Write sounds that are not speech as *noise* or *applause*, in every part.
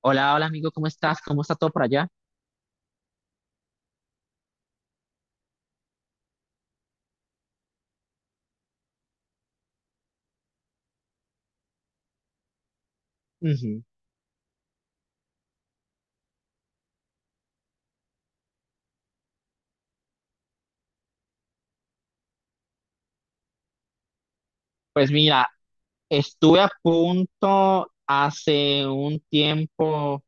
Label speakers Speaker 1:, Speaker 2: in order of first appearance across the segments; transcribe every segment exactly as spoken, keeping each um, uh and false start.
Speaker 1: Hola, hola amigo, ¿cómo estás? ¿Cómo está todo por allá? Ujú. Pues mira, estuve a punto hace un tiempo,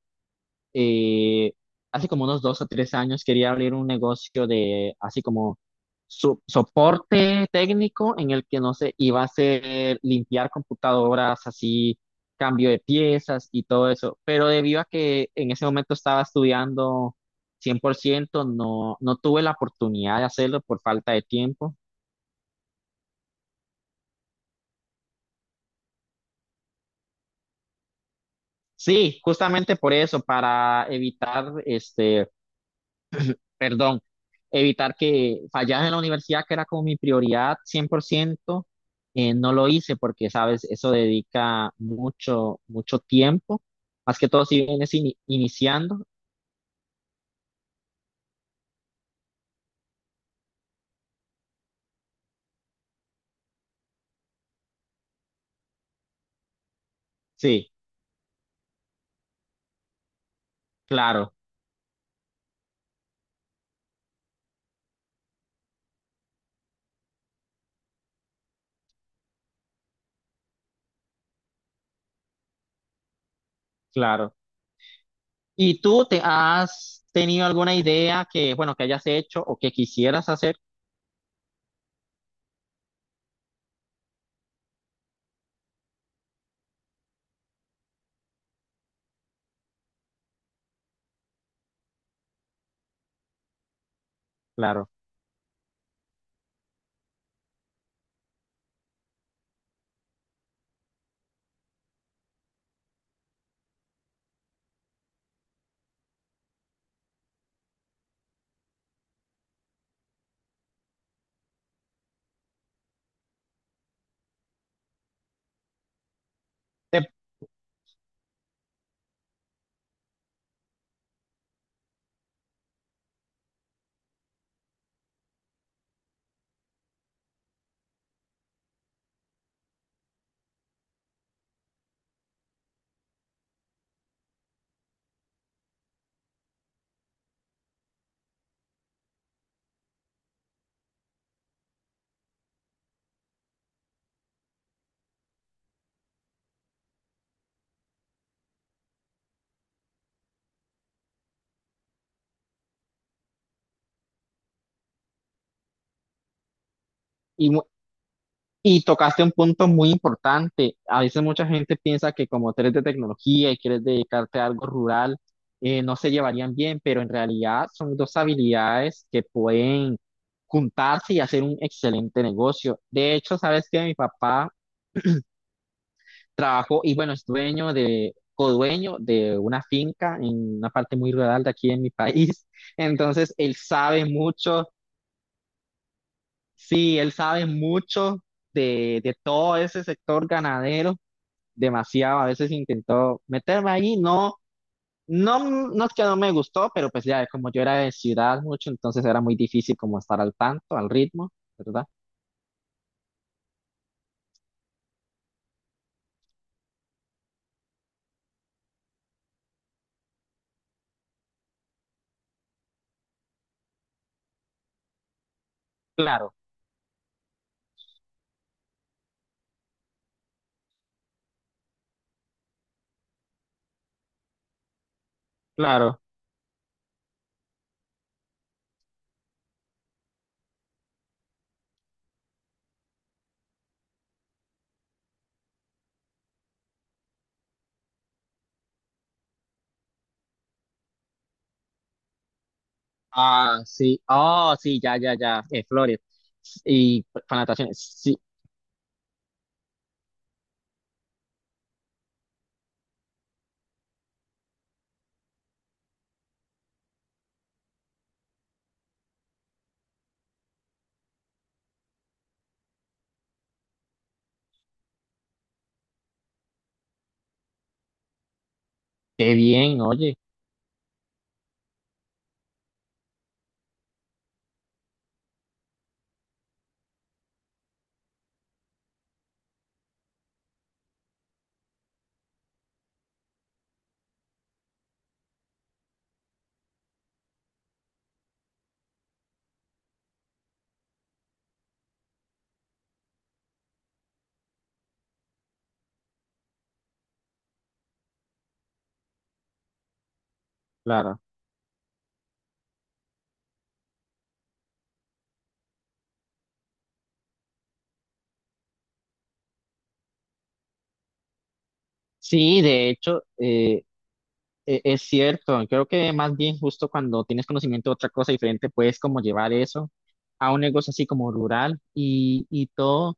Speaker 1: eh, hace como unos dos o tres años, quería abrir un negocio de así como so- soporte técnico en el que no sé, iba a hacer limpiar computadoras, así cambio de piezas y todo eso, pero debido a que en ese momento estaba estudiando cien por ciento, no, no tuve la oportunidad de hacerlo por falta de tiempo. Sí, justamente por eso, para evitar, este, perdón, evitar que fallas en la universidad, que era como mi prioridad cien por ciento, eh, no lo hice porque, sabes, eso dedica mucho, mucho tiempo, más que todo si vienes ini- iniciando. Sí, claro, claro. ¿Y tú te has tenido alguna idea que, bueno, que hayas hecho o que quisieras hacer? Claro. Te- y, Y tocaste un punto muy importante. A veces mucha gente piensa que como tú eres de tecnología y quieres dedicarte a algo rural, eh, no se llevarían bien, pero en realidad son dos habilidades que pueden juntarse y hacer un excelente negocio. De hecho, sabes que mi papá trabajó y bueno, es dueño de, codueño de una finca en una parte muy rural de aquí en mi país. *laughs* Entonces, él sabe mucho. Sí, él sabe mucho de, de todo ese sector ganadero, demasiado. A veces intentó meterme ahí, no, no, no es que no me gustó, pero pues ya, como yo era de ciudad mucho, entonces era muy difícil como estar al tanto, al ritmo, ¿verdad? Claro, claro. Ah, sí, oh, sí, ya, ya, ya, eh, Flores. Y con natación, sí, qué bien, oye, claro. Sí, de hecho, eh, E- Es cierto, creo que más bien justo cuando tienes conocimiento de otra cosa diferente, puedes como llevar eso a un negocio así como rural y, y todo.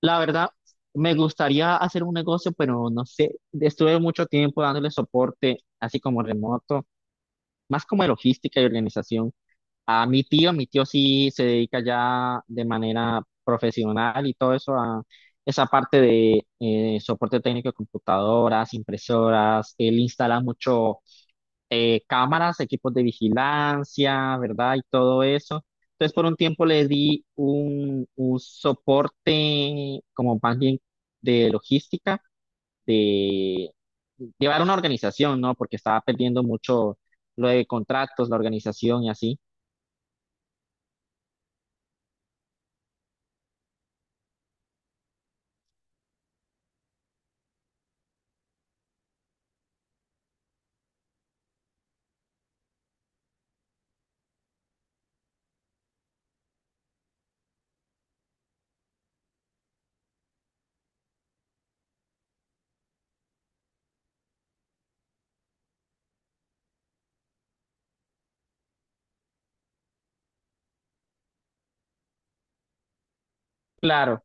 Speaker 1: La verdad, me gustaría hacer un negocio, pero no sé, estuve mucho tiempo dándole soporte así como remoto, más como de logística y organización. A mi tío, mi tío sí se dedica ya de manera profesional y todo eso a esa parte de eh, soporte técnico de computadoras, impresoras, él instala mucho eh, cámaras, equipos de vigilancia, ¿verdad? Y todo eso. Entonces, por un tiempo le di un, un soporte como más bien de logística, de llevar una organización, ¿no? Porque estaba perdiendo mucho lo de contratos, la organización y así. Claro.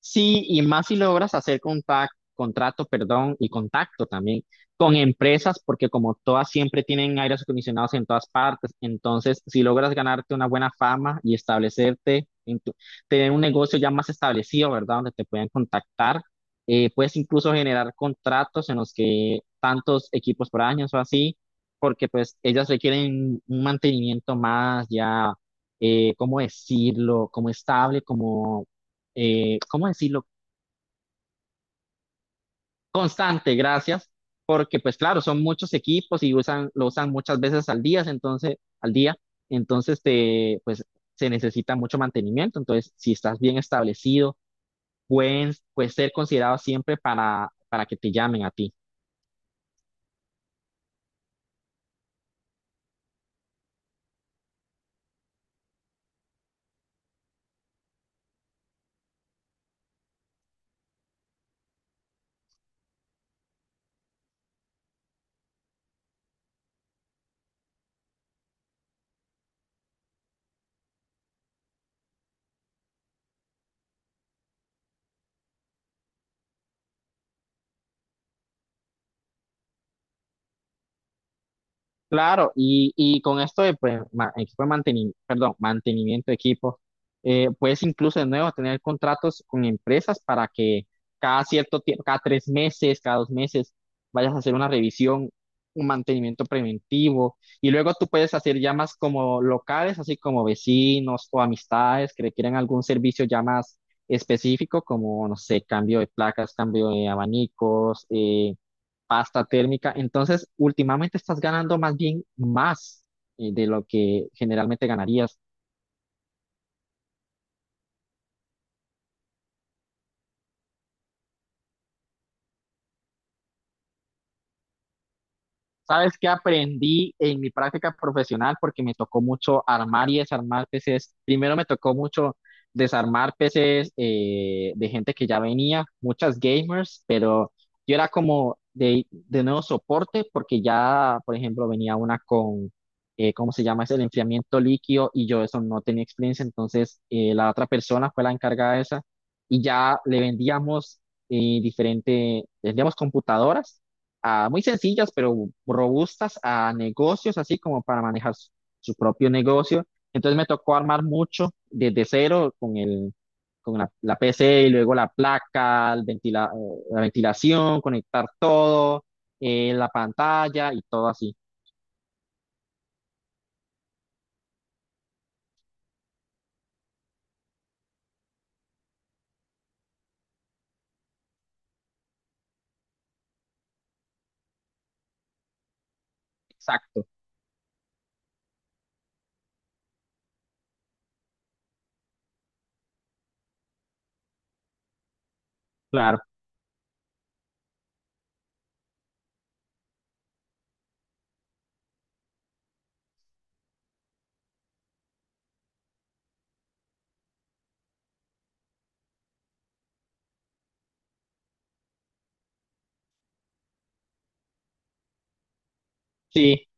Speaker 1: Sí, y más si logras hacer contact- contrato, perdón, y contacto también con empresas, porque como todas siempre tienen aires acondicionados en todas partes, entonces si logras ganarte una buena fama y establecerte, en tu- tener un negocio ya más establecido, ¿verdad? Donde te puedan contactar, eh, puedes incluso generar contratos en los que tantos equipos por año o así, porque pues ellas requieren un mantenimiento más ya, eh, ¿cómo decirlo? Como estable, como eh, ¿cómo decirlo? Constante, gracias, porque pues claro, son muchos equipos y usan, lo usan muchas veces al día, entonces, al día, entonces te, pues se necesita mucho mantenimiento, entonces si estás bien establecido, pueden, puedes ser considerado siempre para, para que te llamen a ti. Claro, y, y con esto de pues, ma- equipo de mantenimiento, perdón, mantenimiento de equipos, eh, puedes incluso de nuevo tener contratos con empresas para que cada cierto tiempo, cada tres meses, cada dos meses, vayas a hacer una revisión, un mantenimiento preventivo, y luego tú puedes hacer llamas como locales, así como vecinos o amistades que requieren algún servicio ya más específico, como, no sé, cambio de placas, cambio de abanicos, eh, pasta térmica. Entonces, últimamente estás ganando más bien más eh, de lo que generalmente ganarías. ¿Sabes qué aprendí en mi práctica profesional? Porque me tocó mucho armar y desarmar P Cs. Primero me tocó mucho desarmar P Cs eh, de gente que ya venía, muchas gamers. Yo era como de, de nuevo soporte porque ya, por ejemplo, venía una con, eh, ¿cómo se llama? Es el enfriamiento líquido y yo eso no tenía experiencia, entonces eh, la otra persona fue la encargada de esa y ya le vendíamos eh, diferente, vendíamos computadoras ah, muy sencillas pero robustas a negocios, así como para manejar su su propio negocio. Entonces me tocó armar mucho desde cero con el con la, la P C y luego la placa, el ventila- eh, la ventilación, conectar todo, eh, la pantalla y todo así. Exacto, claro. Sí,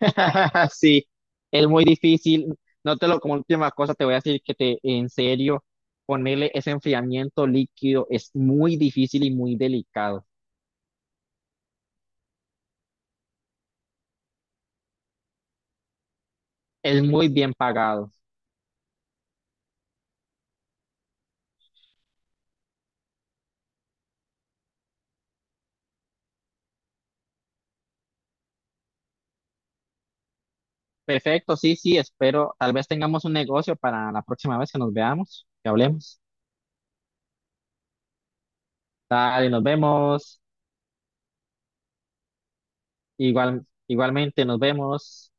Speaker 1: *laughs* sí, es muy difícil. No te lo, como última cosa, te voy a decir que te, en serio, ponerle ese enfriamiento líquido es muy difícil y muy delicado. Es muy bien pagado. Perfecto, sí, sí, espero. Tal vez tengamos un negocio para la próxima vez que nos veamos, que hablemos. Dale, nos vemos. Igual, igualmente, nos vemos.